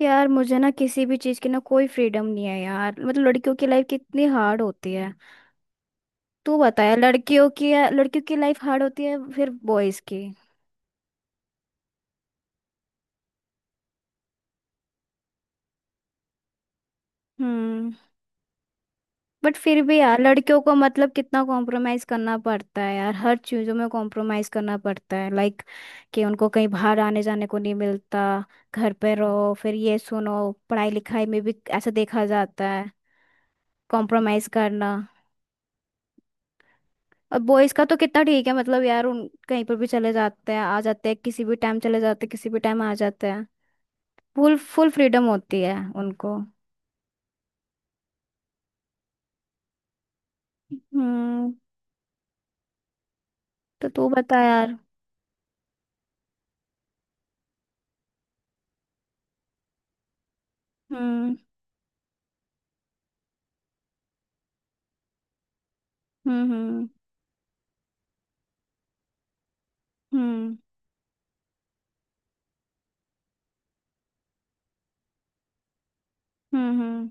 यार मुझे ना किसी भी चीज की ना कोई फ्रीडम नहीं है यार। मतलब लड़कियों की लाइफ कितनी हार्ड होती है। तू बताया लड़कियों की लाइफ हार्ड होती है फिर बॉयज की। हम्म। बट फिर भी यार लड़कियों को मतलब कितना कॉम्प्रोमाइज करना पड़ता है यार, हर चीजों में कॉम्प्रोमाइज करना पड़ता है। लाइक कि उनको कहीं बाहर आने जाने को नहीं मिलता, घर पे रहो, फिर ये सुनो, पढ़ाई लिखाई में भी ऐसा देखा जाता है कॉम्प्रोमाइज करना। और बॉयज का तो कितना ठीक है, मतलब यार उन कहीं पर भी चले जाते हैं आ जाते हैं, किसी भी टाइम चले जाते हैं किसी भी टाइम आ जाते हैं। फुल फुल फ्रीडम होती है उनको। हम्म। तो तू बता यार। हम्म। हम्म। हम्म। हम्म।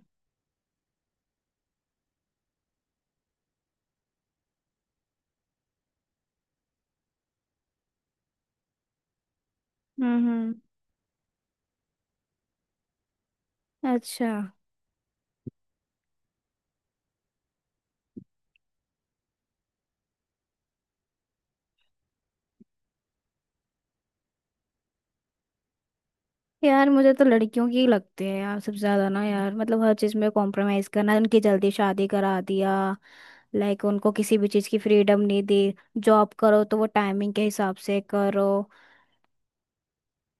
हम्म हम्म, अच्छा। यार मुझे तो लड़कियों की ही लगती है यार सबसे ज्यादा, ना यार मतलब हर चीज में कॉम्प्रोमाइज करना, उनकी जल्दी शादी करा दिया। लाइक उनको किसी भी चीज की फ्रीडम नहीं दी, जॉब करो तो वो टाइमिंग के हिसाब से करो,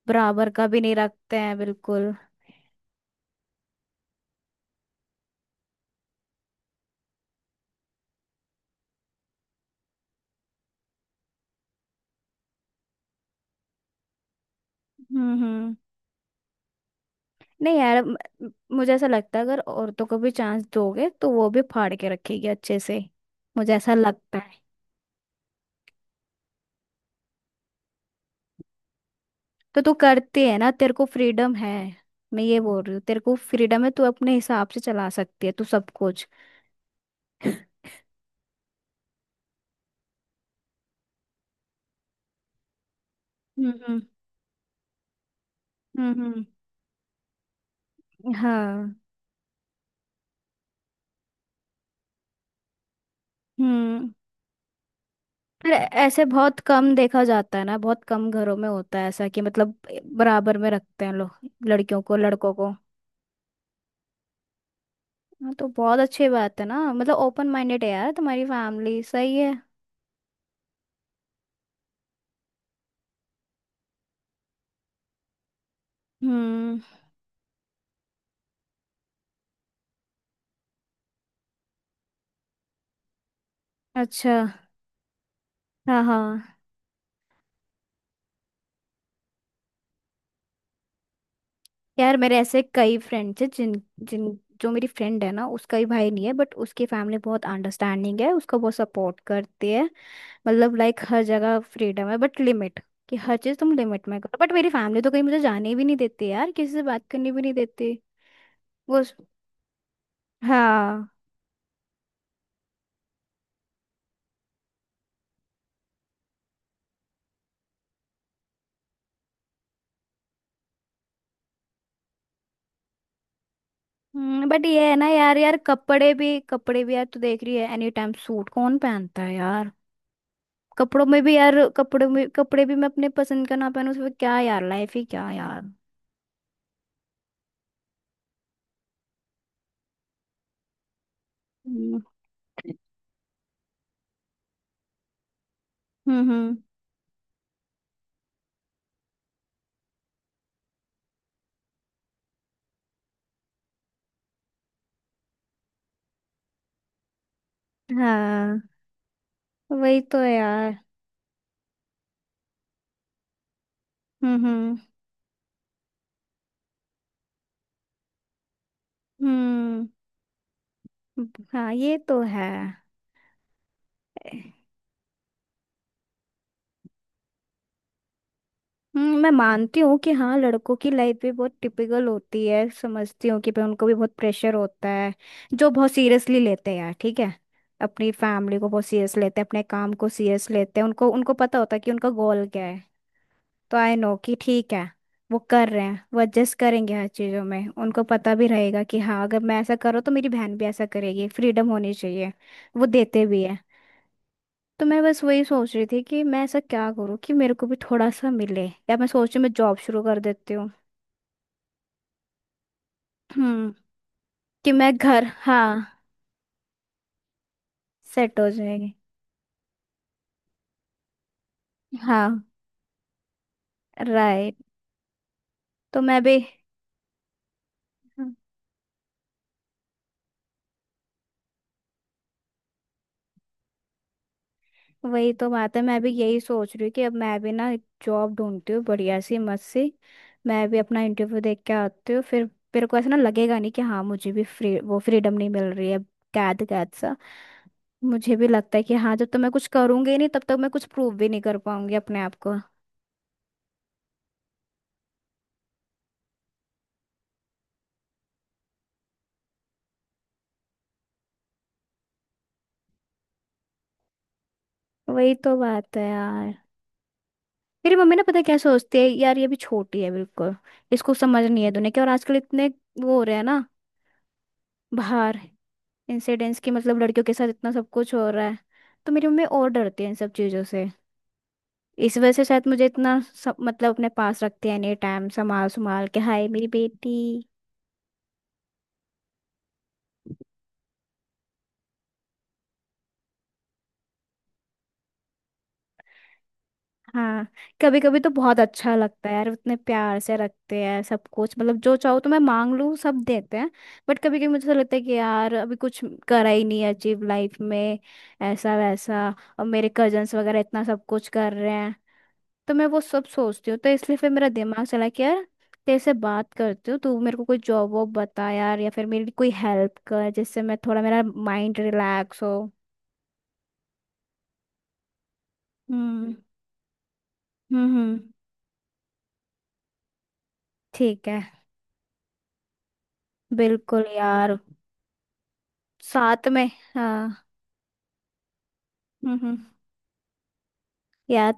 बराबर का भी नहीं रखते हैं बिल्कुल। हम्म। नहीं यार म- म- मुझे ऐसा लगता है अगर औरतों को भी चांस दोगे तो वो भी फाड़ के रखेगी अच्छे से, मुझे ऐसा लगता है। तो तू करती है ना, तेरे को फ्रीडम है, मैं ये बोल रही हूँ तेरे को फ्रीडम है, तू अपने हिसाब से चला सकती है तू सब कुछ। हम्म। हम्म, हम्म हाँ। हम्म। पर ऐसे बहुत कम देखा जाता है ना, बहुत कम घरों में होता है ऐसा कि मतलब बराबर में रखते हैं लोग लड़कियों को लड़कों को। हाँ तो बहुत अच्छी बात है ना, मतलब ओपन माइंडेड है यार तुम्हारी फैमिली, सही है। हम्म अच्छा। हाँ हाँ। यार मेरे ऐसे कई फ्रेंड्स हैं जिन जिन जो मेरी फ्रेंड है ना, उसका ही भाई नहीं है बट उसकी फैमिली बहुत अंडरस्टैंडिंग है, उसको बहुत सपोर्ट करती है। मतलब लाइक हर जगह फ्रीडम है बट लिमिट, कि हर चीज़ तुम लिमिट में करो। बट मेरी फैमिली तो कहीं मुझे जाने भी नहीं देती यार, किसी से बात करने भी नहीं देती। वो हाँ। बट ये है ना यार, यार कपड़े भी यार तू देख रही है, एनी टाइम सूट कौन पहनता है यार। कपड़ों में भी यार, कपड़ों में कपड़े भी मैं अपने पसंद का ना पहनूं, उसमें क्या यार, लाइफ ही क्या यार। हम्म। हम्म, हाँ। वही तो यार। हम्म हम्म हम्म। हाँ ये तो है। मैं मानती हूँ कि हाँ लड़कों की लाइफ भी बहुत टिपिकल होती है, समझती हूँ कि पे उनको भी बहुत प्रेशर होता है, जो बहुत सीरियसली लेते हैं यार, ठीक है। अपनी फैमिली को बहुत सीरियस लेते हैं, अपने काम को सीरियस लेते हैं, उनको उनको पता होता है कि उनका गोल क्या है। तो आई नो कि ठीक है, वो कर रहे हैं, वो एडजस्ट करेंगे हर चीज़ों में, उनको पता भी रहेगा कि हाँ अगर मैं ऐसा करूँ तो मेरी बहन भी ऐसा करेगी, फ्रीडम होनी चाहिए, वो देते भी है। तो मैं बस वही सोच रही थी कि मैं ऐसा क्या करूँ कि मेरे को भी थोड़ा सा मिले, या मैं सोच रही हूँ मैं जॉब शुरू कर देती हूँ। हम्म। कि मैं घर, हाँ। सेट हो जाएगी। हाँ, राइट। तो मैं भी, वही तो बात है, मैं भी यही सोच रही हूँ कि अब मैं भी ना जॉब ढूंढती हूँ बढ़िया सी मस्त सी, मैं भी अपना इंटरव्यू देख के आती हूँ फिर। मेरे को ऐसा ना लगेगा नहीं कि हाँ मुझे भी फ्री, वो फ्रीडम नहीं मिल रही है, कैद कैद सा। मुझे भी लगता है कि हाँ, जब तक मैं कुछ करूंगी नहीं तब तक मैं कुछ प्रूव भी नहीं कर पाऊंगी अपने आप को। वही तो बात है यार। मेरी मम्मी ना, पता है क्या सोचती है यार, ये भी छोटी है बिल्कुल, इसको समझ नहीं है दुनिया की, और आजकल इतने वो हो रहे हैं ना बाहर इंसिडेंट्स की, मतलब लड़कियों के साथ इतना सब कुछ हो रहा है, तो मेरी मम्मी और डरती है इन सब चीज़ों से। इस वजह से शायद मुझे इतना सब मतलब अपने पास रखते हैं एनी टाइम, संभाल संभाल के हाय मेरी बेटी। हाँ, कभी कभी तो बहुत अच्छा लगता है यार, उतने प्यार से रखते हैं सब कुछ, मतलब जो चाहो तो मैं मांग लूँ सब देते हैं। बट कभी कभी मुझे ऐसा लगता है कि यार अभी कुछ करा ही नहीं अचीव लाइफ में ऐसा वैसा, और मेरे कजन्स वगैरह इतना सब कुछ कर रहे हैं, तो मैं वो सब सोचती हूँ तो इसलिए फिर मेरा दिमाग चला कि यार तेरे से बात करती हूँ, तू मेरे को कोई जॉब वॉब बता यार, या फिर मेरी कोई हेल्प कर जिससे मैं थोड़ा मेरा माइंड रिलैक्स हो। हम्म। हम्म, ठीक है। बिल्कुल यार। साथ में, हाँ। हम्म। यार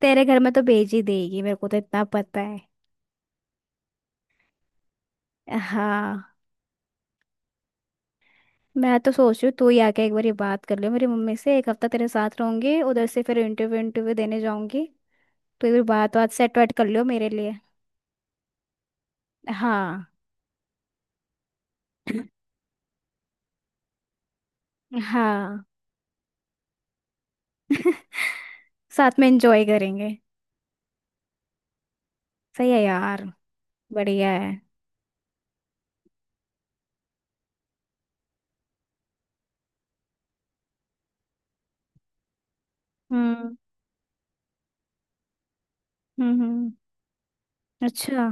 तेरे घर में तो भेज ही देगी मेरे को तो इतना पता है। हाँ, मैं तो सोच रही हूँ तू ही आके एक बार ये बात कर ले मेरी मम्मी से, एक हफ्ता तेरे साथ रहूंगी, उधर से फिर इंटरव्यू इंटरव्यू देने जाऊंगी। तो ये बात बात सेट वेट कर लियो मेरे लिए। हाँ। हाँ, साथ में एंजॉय करेंगे। सही है यार, बढ़िया है। हम्म। हम्म, अच्छा।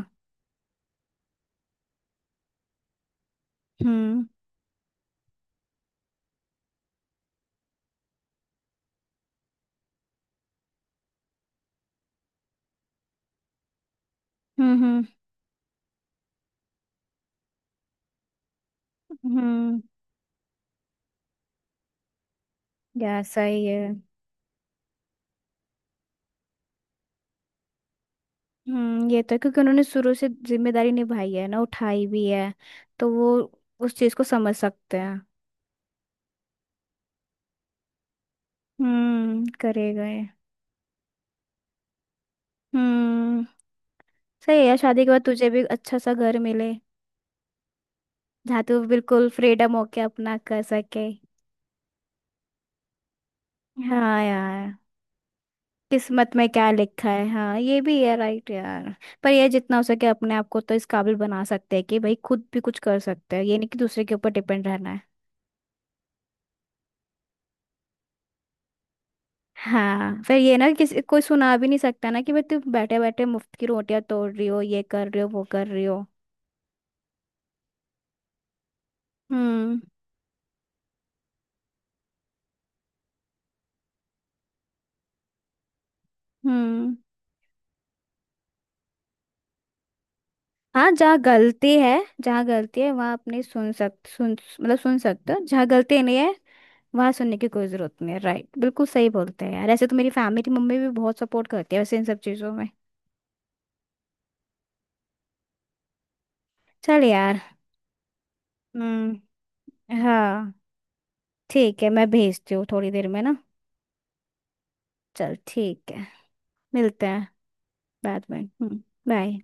हम्म हम्म। हम्म, यार सही है। हम्म, ये तो है, क्योंकि उन्होंने शुरू से जिम्मेदारी निभाई है ना, उठाई भी है, तो वो उस चीज को समझ सकते हैं। हम्म, करे गए। हम्म, सही है यार, शादी के बाद तुझे भी अच्छा सा घर मिले, जहाँ तू बिल्कुल फ्रीडम होके अपना कर सके। हाँ यार, किस्मत में क्या लिखा है, हाँ ये भी है, राइट यार। पर ये जितना हो सके अपने आप को तो इस काबिल बना सकते हैं कि भाई खुद भी कुछ कर सकते हैं, ये नहीं कि दूसरे के ऊपर डिपेंड रहना है। हाँ फिर ये ना किसी कोई सुना भी नहीं सकता ना कि भाई तुम बैठे बैठे मुफ्त की रोटियां तोड़ रही हो, ये कर रही हो, वो कर रही हो। हम्म। हम्म हाँ जहाँ गलती है, जहाँ गलती है वहाँ अपनी सुन, मतलब सुन सकते हो, जहाँ गलती नहीं है वहाँ सुनने की कोई जरूरत नहीं है। राइट, बिल्कुल सही बोलते हैं यार, ऐसे तो मेरी फैमिली मेरी मम्मी भी बहुत सपोर्ट करती है वैसे इन सब चीज़ों में। चल यार। हम्म, हाँ। ठीक है, मैं भेजती हूँ थोड़ी देर में ना। चल ठीक है, मिलते हैं बाद में। हम्म। बाय।